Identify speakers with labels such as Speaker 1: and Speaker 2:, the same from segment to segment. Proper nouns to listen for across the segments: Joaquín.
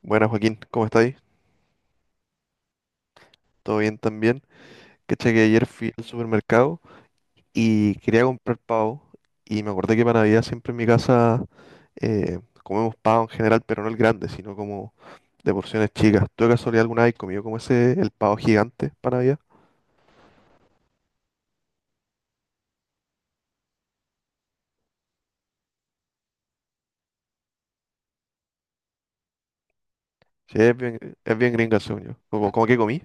Speaker 1: Buenas Joaquín, ¿cómo estáis? ¿Todo bien también? Caché que ayer fui al supermercado y quería comprar pavo y me acordé que para Navidad siempre en mi casa comemos pavo en general, pero no el grande, sino como de porciones chicas. ¿Tú de casualidad alguna vez comido como ese, el pavo gigante para Navidad? Sí, es bien gringa, según yo. ¿Cómo que comí?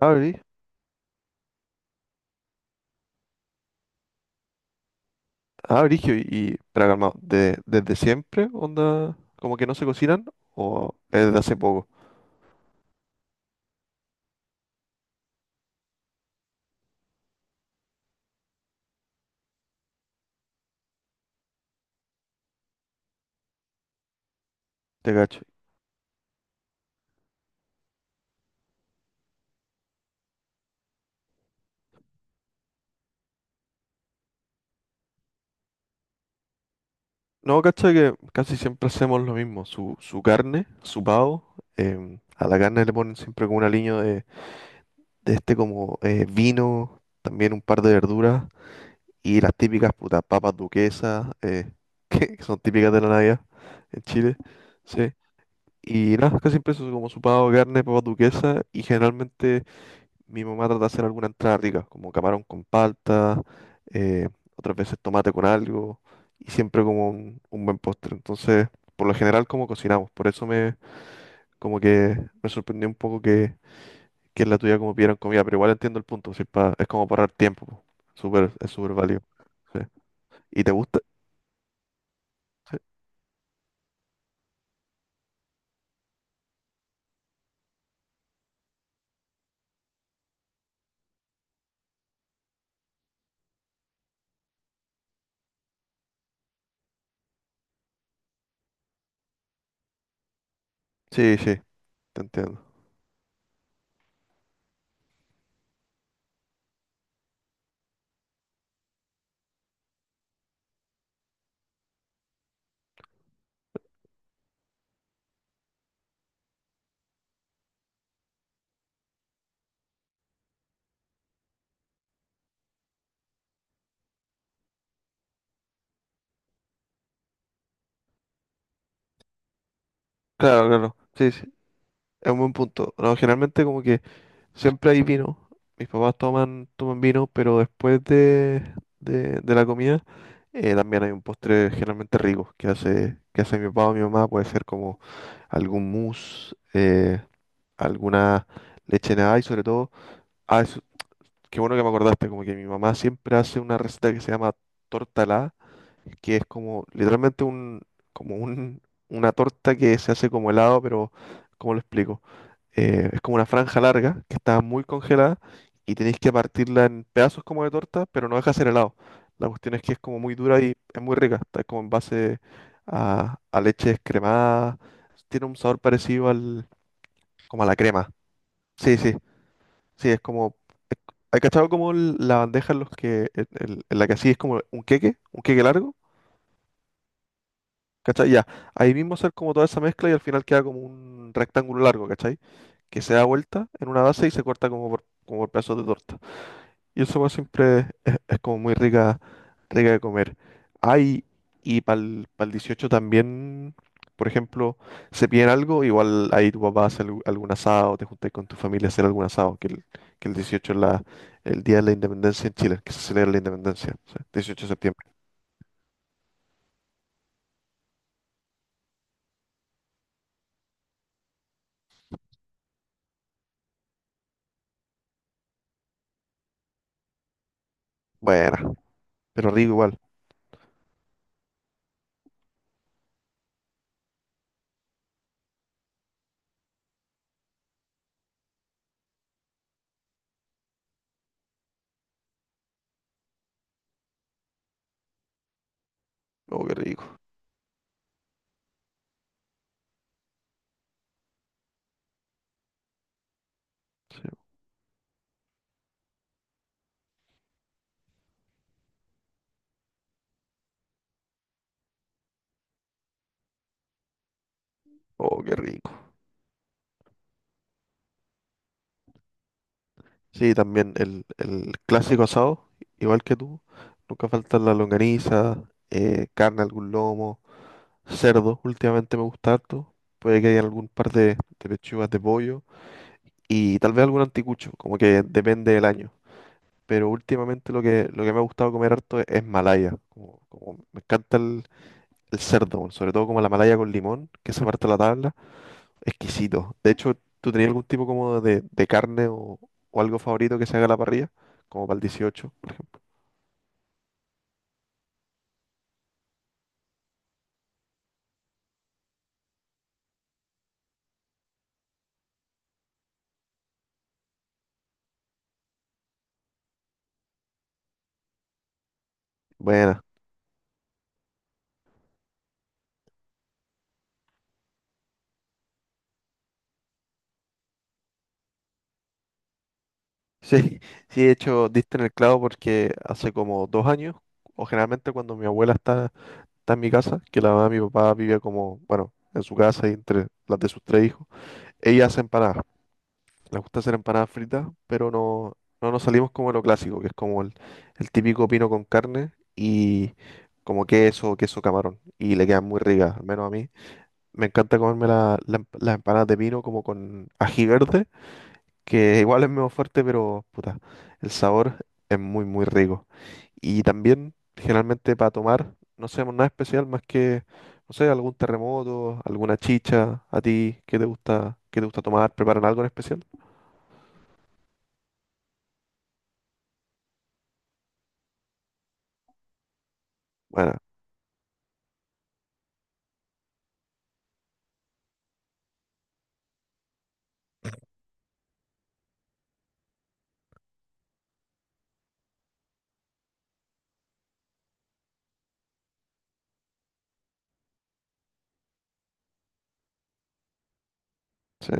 Speaker 1: Ah, brí- ah, brigio, y pero calmado, ¿desde siempre onda como que no se cocinan o es de hace poco? Te cacho. No, cacha que casi siempre hacemos lo mismo. Su carne, su pavo. A la carne le ponen siempre como un aliño de este como vino, también un par de verduras y las típicas putas papas duquesas, que son típicas de la Navidad en Chile. Sí. Y nada, casi siempre eso es como su pavo, carne, papas duquesas, y generalmente mi mamá trata de hacer alguna entrada rica, como camarón con palta, eh, otras veces tomate con algo, y siempre como un buen postre. Entonces, por lo general, como cocinamos. Por eso como que me sorprendió un poco que, en la tuya como pidieran comida, pero igual entiendo el punto, si es como para ahorrar tiempo, po. Súper, es súper válido. Sí. ¿Y te gusta? Sí, sí, sí, te entiendo. Claro, claro. Sí, sí, es un buen punto. No, generalmente como que siempre hay vino. Mis papás toman vino, pero después de la comida. También hay un postre generalmente rico que hace mi papá o mi mamá. Puede ser como algún mousse, alguna leche en y sobre todo. Qué bueno que me acordaste, como que mi mamá siempre hace una receta que se llama torta helada, que es como literalmente como un, una torta que se hace como helado, pero ¿cómo lo explico? Es como una franja larga que está muy congelada y tenéis que partirla en pedazos como de torta, pero no deja de ser helado. La cuestión es que es como muy dura y es muy rica, está como en base a leche descremada, tiene un sabor parecido como a la crema. Sí, sí. Sí, es como. es- ¿Hay cachado como la bandeja en, los que, en, en la que así es como un queque largo? ¿Cachai? Ya. Ahí mismo hacer como toda esa mezcla y al final queda como un rectángulo largo, ¿cachai? Que se da vuelta en una base y se corta como por pedazos de torta. Y esa hueá siempre es como muy rica, rica de comer. Hay, y para el 18 también, por ejemplo, se piden algo, igual ahí tu papá hace algún asado, te juntas con tu familia a hacer algún asado, que el 18 es el día de la independencia en Chile, que se celebra la independencia, sí, 18 de septiembre. Buena, pero rico igual. Oh, qué rico. Sí. Oh, qué rico. Sí, también el clásico asado, igual que tú, nunca falta la longaniza, carne, algún lomo. Cerdo, últimamente me gusta harto. Puede que haya algún par de pechugas de pollo y tal vez algún anticucho, como que depende del año. Pero últimamente lo que me ha gustado comer harto es malaya. Como me encanta el cerdo, bueno, sobre todo como la malaya con limón, que se parte la tabla, exquisito. De hecho, ¿tú tenías algún tipo como de carne o algo favorito que se haga a la parrilla? Como para el 18 por ejemplo. Buena. Sí, sí, de hecho, diste en el clavo porque hace como 2 años, o generalmente cuando mi abuela está en mi casa, que la mamá de mi papá vivía como, bueno, en su casa y entre las de sus tres hijos. Ella hace empanadas. Le gusta hacer empanadas fritas, pero no, no nos salimos como de lo clásico, que es como el típico pino con carne y como queso, queso camarón. Y le quedan muy ricas, al menos a mí. Me encanta comerme las empanadas de pino como con ají verde que igual es menos fuerte, pero puta, el sabor es muy, muy rico. Y también, generalmente para tomar, no hacemos nada especial más que, no sé, algún terremoto, alguna chicha. ¿A ti qué te gusta tomar? ¿Preparan algo en especial? Bueno, sí,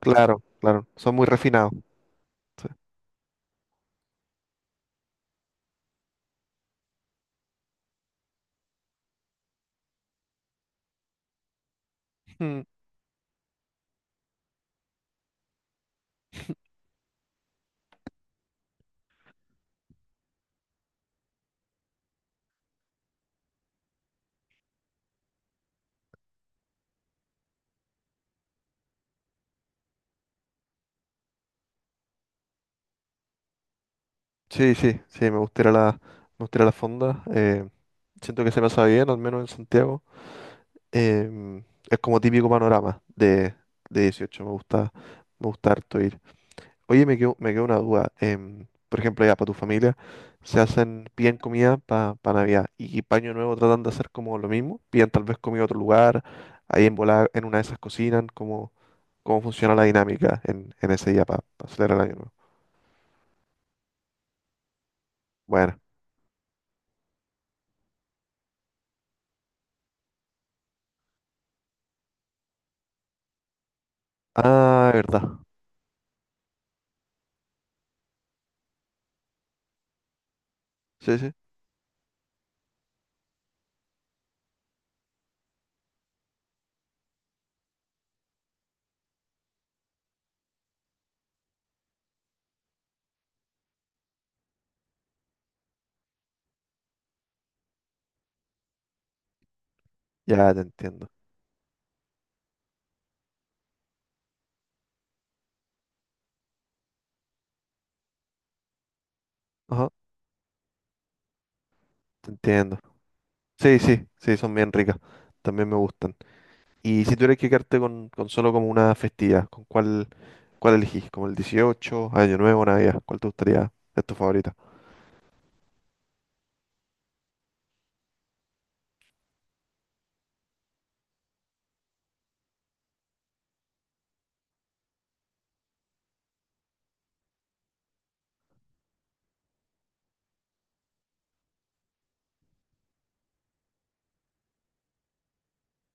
Speaker 1: claro, claro, son muy refinados. Sí. Mm. Sí, sí, sí, me gustaría la, fonda. Siento que se pasa bien, al menos en Santiago. em, es como típico panorama de 18, me gusta harto ir. Oye, me quedó una duda. Por ejemplo, ya para tu familia, piden comida para Navidad y, para Año Nuevo tratan de hacer como lo mismo. Piden tal vez comida a otro lugar, ahí en volada, en una de esas cocinan, cómo funciona la dinámica en ese día para celebrar el Año Nuevo. Bueno. Ah, verdad. Sí, sí. Ya te entiendo. Ajá, te entiendo. Sí, sí, sí, son bien ricas. También me gustan. Y si tuvieras que quedarte con solo como una festividad, ¿con cuál elegís? ¿Como el 18, Año Nuevo, Navidad? ¿Cuál te gustaría? ¿Es tu favorita?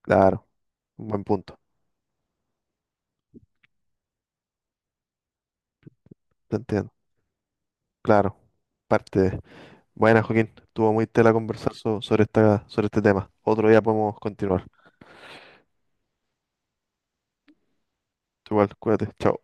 Speaker 1: Claro, un buen punto. Te entiendo. Claro, parte de... Buena, Joaquín. Estuvo muy tela conversar sobre sobre este tema. Otro día podemos continuar. Tú igual, cuídate. Chao.